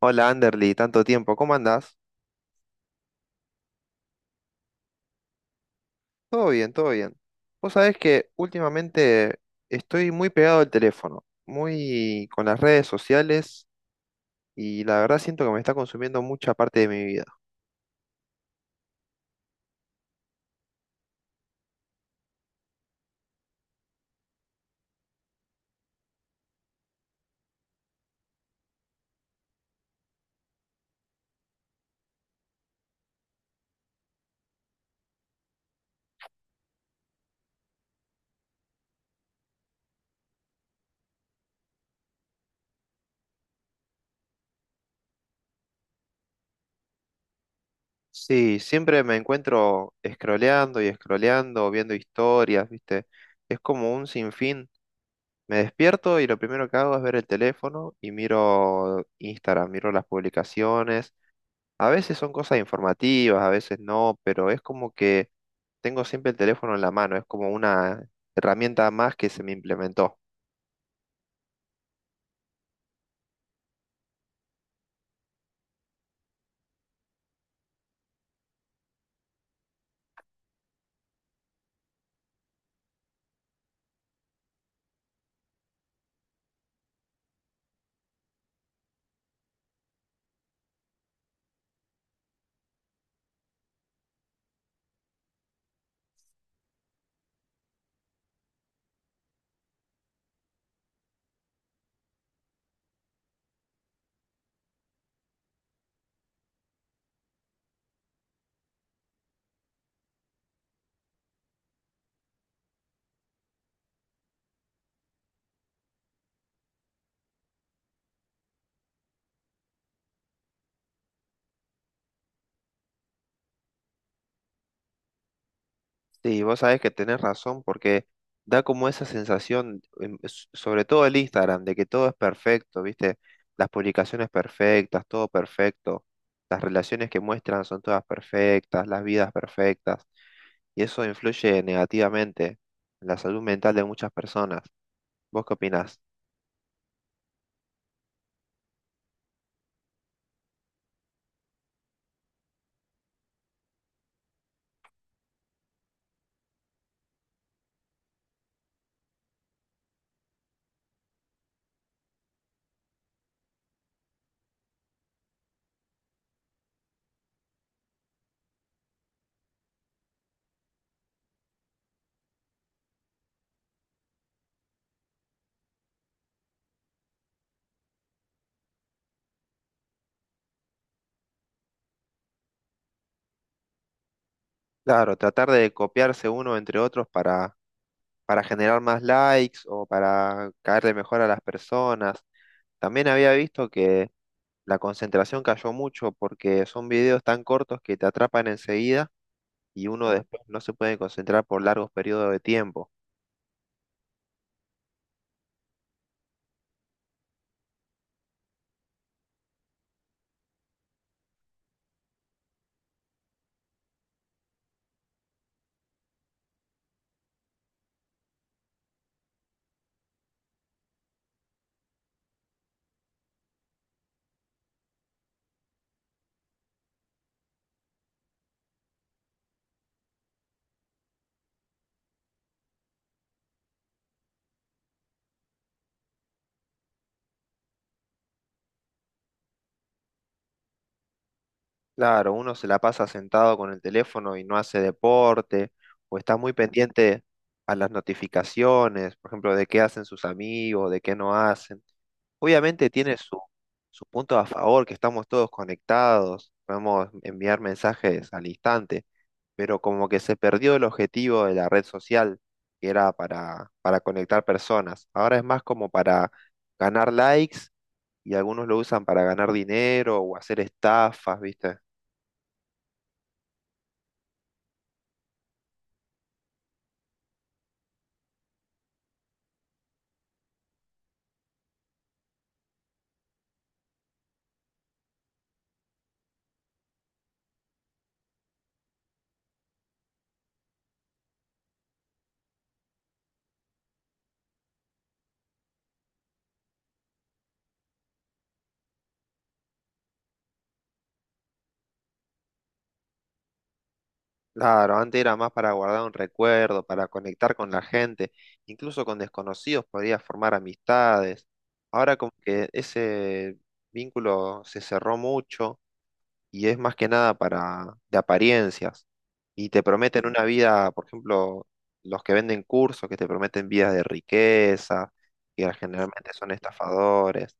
Hola Anderly, tanto tiempo, ¿cómo andás? Todo bien, todo bien. Vos sabés que últimamente estoy muy pegado al teléfono, muy con las redes sociales y la verdad siento que me está consumiendo mucha parte de mi vida. Sí, siempre me encuentro scrolleando y scrolleando, viendo historias, ¿viste? Es como un sinfín. Me despierto y lo primero que hago es ver el teléfono y miro Instagram, miro las publicaciones. A veces son cosas informativas, a veces no, pero es como que tengo siempre el teléfono en la mano, es como una herramienta más que se me implementó. Sí, vos sabés que tenés razón porque da como esa sensación, sobre todo el Instagram, de que todo es perfecto, ¿viste? Las publicaciones perfectas, todo perfecto, las relaciones que muestran son todas perfectas, las vidas perfectas, y eso influye negativamente en la salud mental de muchas personas. ¿Vos qué opinás? Claro, tratar de copiarse uno entre otros para generar más likes o para caerle mejor a las personas. También había visto que la concentración cayó mucho porque son videos tan cortos que te atrapan enseguida y uno después no se puede concentrar por largos periodos de tiempo. Claro, uno se la pasa sentado con el teléfono y no hace deporte, o está muy pendiente a las notificaciones, por ejemplo, de qué hacen sus amigos, de qué no hacen. Obviamente tiene su punto a favor, que estamos todos conectados, podemos enviar mensajes al instante, pero como que se perdió el objetivo de la red social, que era para conectar personas. Ahora es más como para ganar likes y algunos lo usan para ganar dinero o hacer estafas, ¿viste? Claro, antes era más para guardar un recuerdo, para conectar con la gente, incluso con desconocidos podías formar amistades. Ahora como que ese vínculo se cerró mucho y es más que nada para de apariencias. Y te prometen una vida, por ejemplo, los que venden cursos que te prometen vidas de riqueza, que generalmente son estafadores,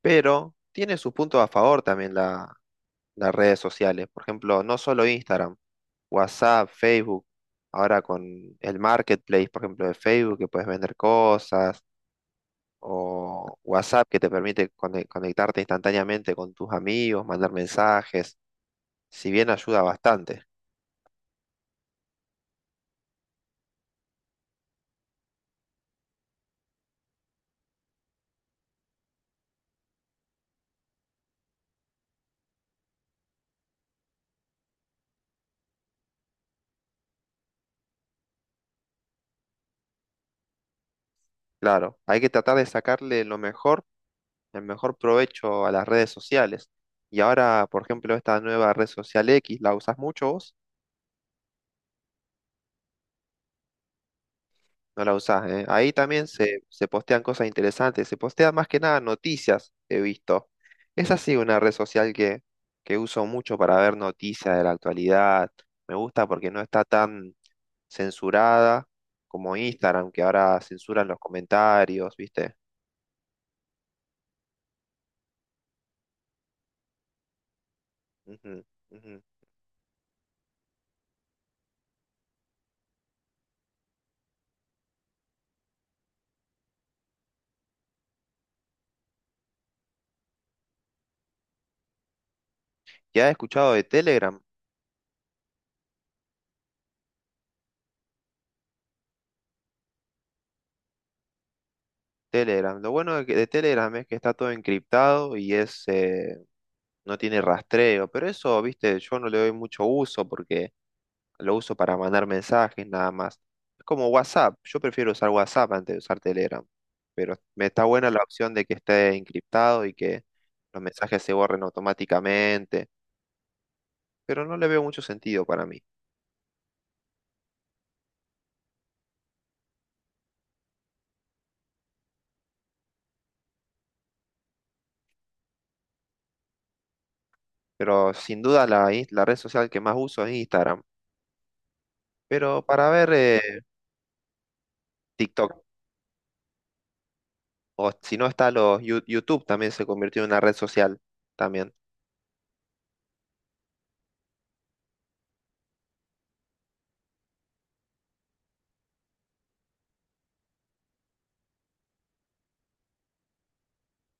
pero tiene sus puntos a favor también las redes sociales. Por ejemplo, no solo Instagram, WhatsApp, Facebook, ahora con el marketplace, por ejemplo, de Facebook, que puedes vender cosas, o WhatsApp, que te permite conectarte instantáneamente con tus amigos, mandar mensajes, si bien ayuda bastante. Claro, hay que tratar de sacarle lo mejor, el mejor provecho a las redes sociales. Y ahora, por ejemplo, esta nueva red social X, ¿la usas mucho vos? No la usás, ¿eh? Ahí también se postean cosas interesantes, se postean más que nada noticias, he visto. Es así una red social que uso mucho para ver noticias de la actualidad. Me gusta porque no está tan censurada como Instagram, que ahora censuran los comentarios, ¿viste? Ujú, ujú. ¿Ya has escuchado de Telegram? Telegram. Lo bueno de Telegram es que está todo encriptado y es, no tiene rastreo, pero eso, ¿viste? Yo no le doy mucho uso porque... Lo uso para mandar mensajes nada más. Es como WhatsApp. Yo prefiero usar WhatsApp antes de usar Telegram. Pero me está buena la opción de que esté encriptado y que los mensajes se borren automáticamente. Pero no le veo mucho sentido para mí. Pero sin duda la, la red social que más uso es Instagram. Pero para ver TikTok. O si no está los YouTube también se convirtió en una red social también.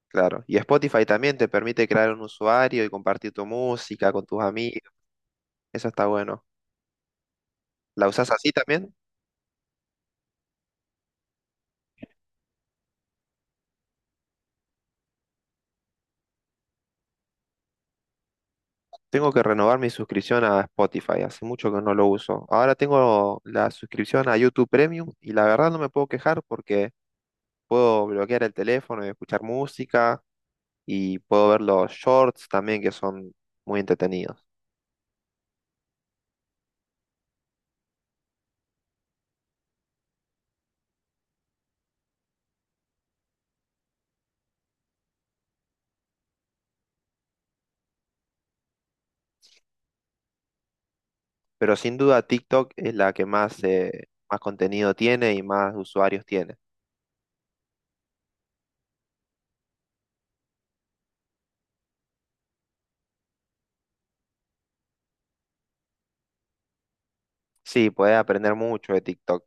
Claro. Y Spotify también te permite crear un usuario y compartir tu música con tus amigos. Eso está bueno. ¿La usás así también? Tengo que renovar mi suscripción a Spotify, hace mucho que no lo uso. Ahora tengo la suscripción a YouTube Premium y la verdad no me puedo quejar porque puedo bloquear el teléfono y escuchar música y puedo ver los shorts también que son muy entretenidos. Pero sin duda TikTok es la que más, más contenido tiene y más usuarios tiene. Sí, podés aprender mucho de TikTok.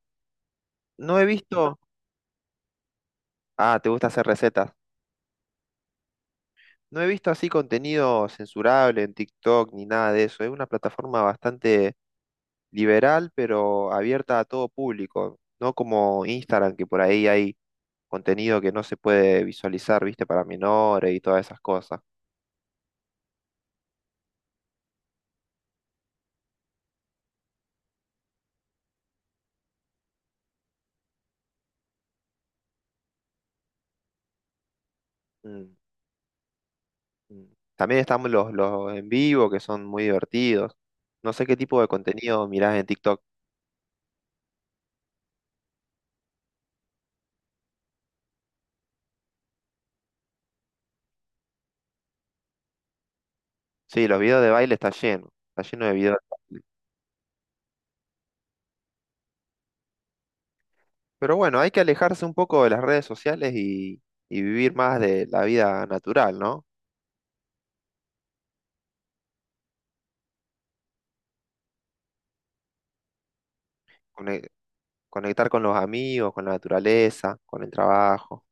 No he visto... Ah, ¿te gusta hacer recetas? No he visto así contenido censurable en TikTok ni nada de eso. Es una plataforma bastante liberal, pero abierta a todo público, no como Instagram, que por ahí hay contenido que no se puede visualizar, viste, para menores y todas esas cosas. Mm, mm. También estamos los, en vivo, que son muy divertidos. No sé qué tipo de contenido mirás en TikTok. Sí, los videos de baile está lleno de videos. Pero bueno, hay que alejarse un poco de las redes sociales y, vivir más de la vida natural, ¿no? Cone- Conectar con los amigos, con la naturaleza, con el trabajo.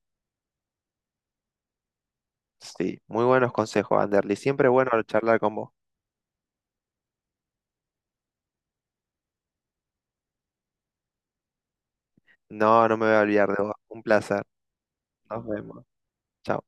Sí, muy buenos consejos, Anderly. Siempre bueno charlar con vos. No, no me voy a olvidar de vos. Un placer. Nos vemos. Chao.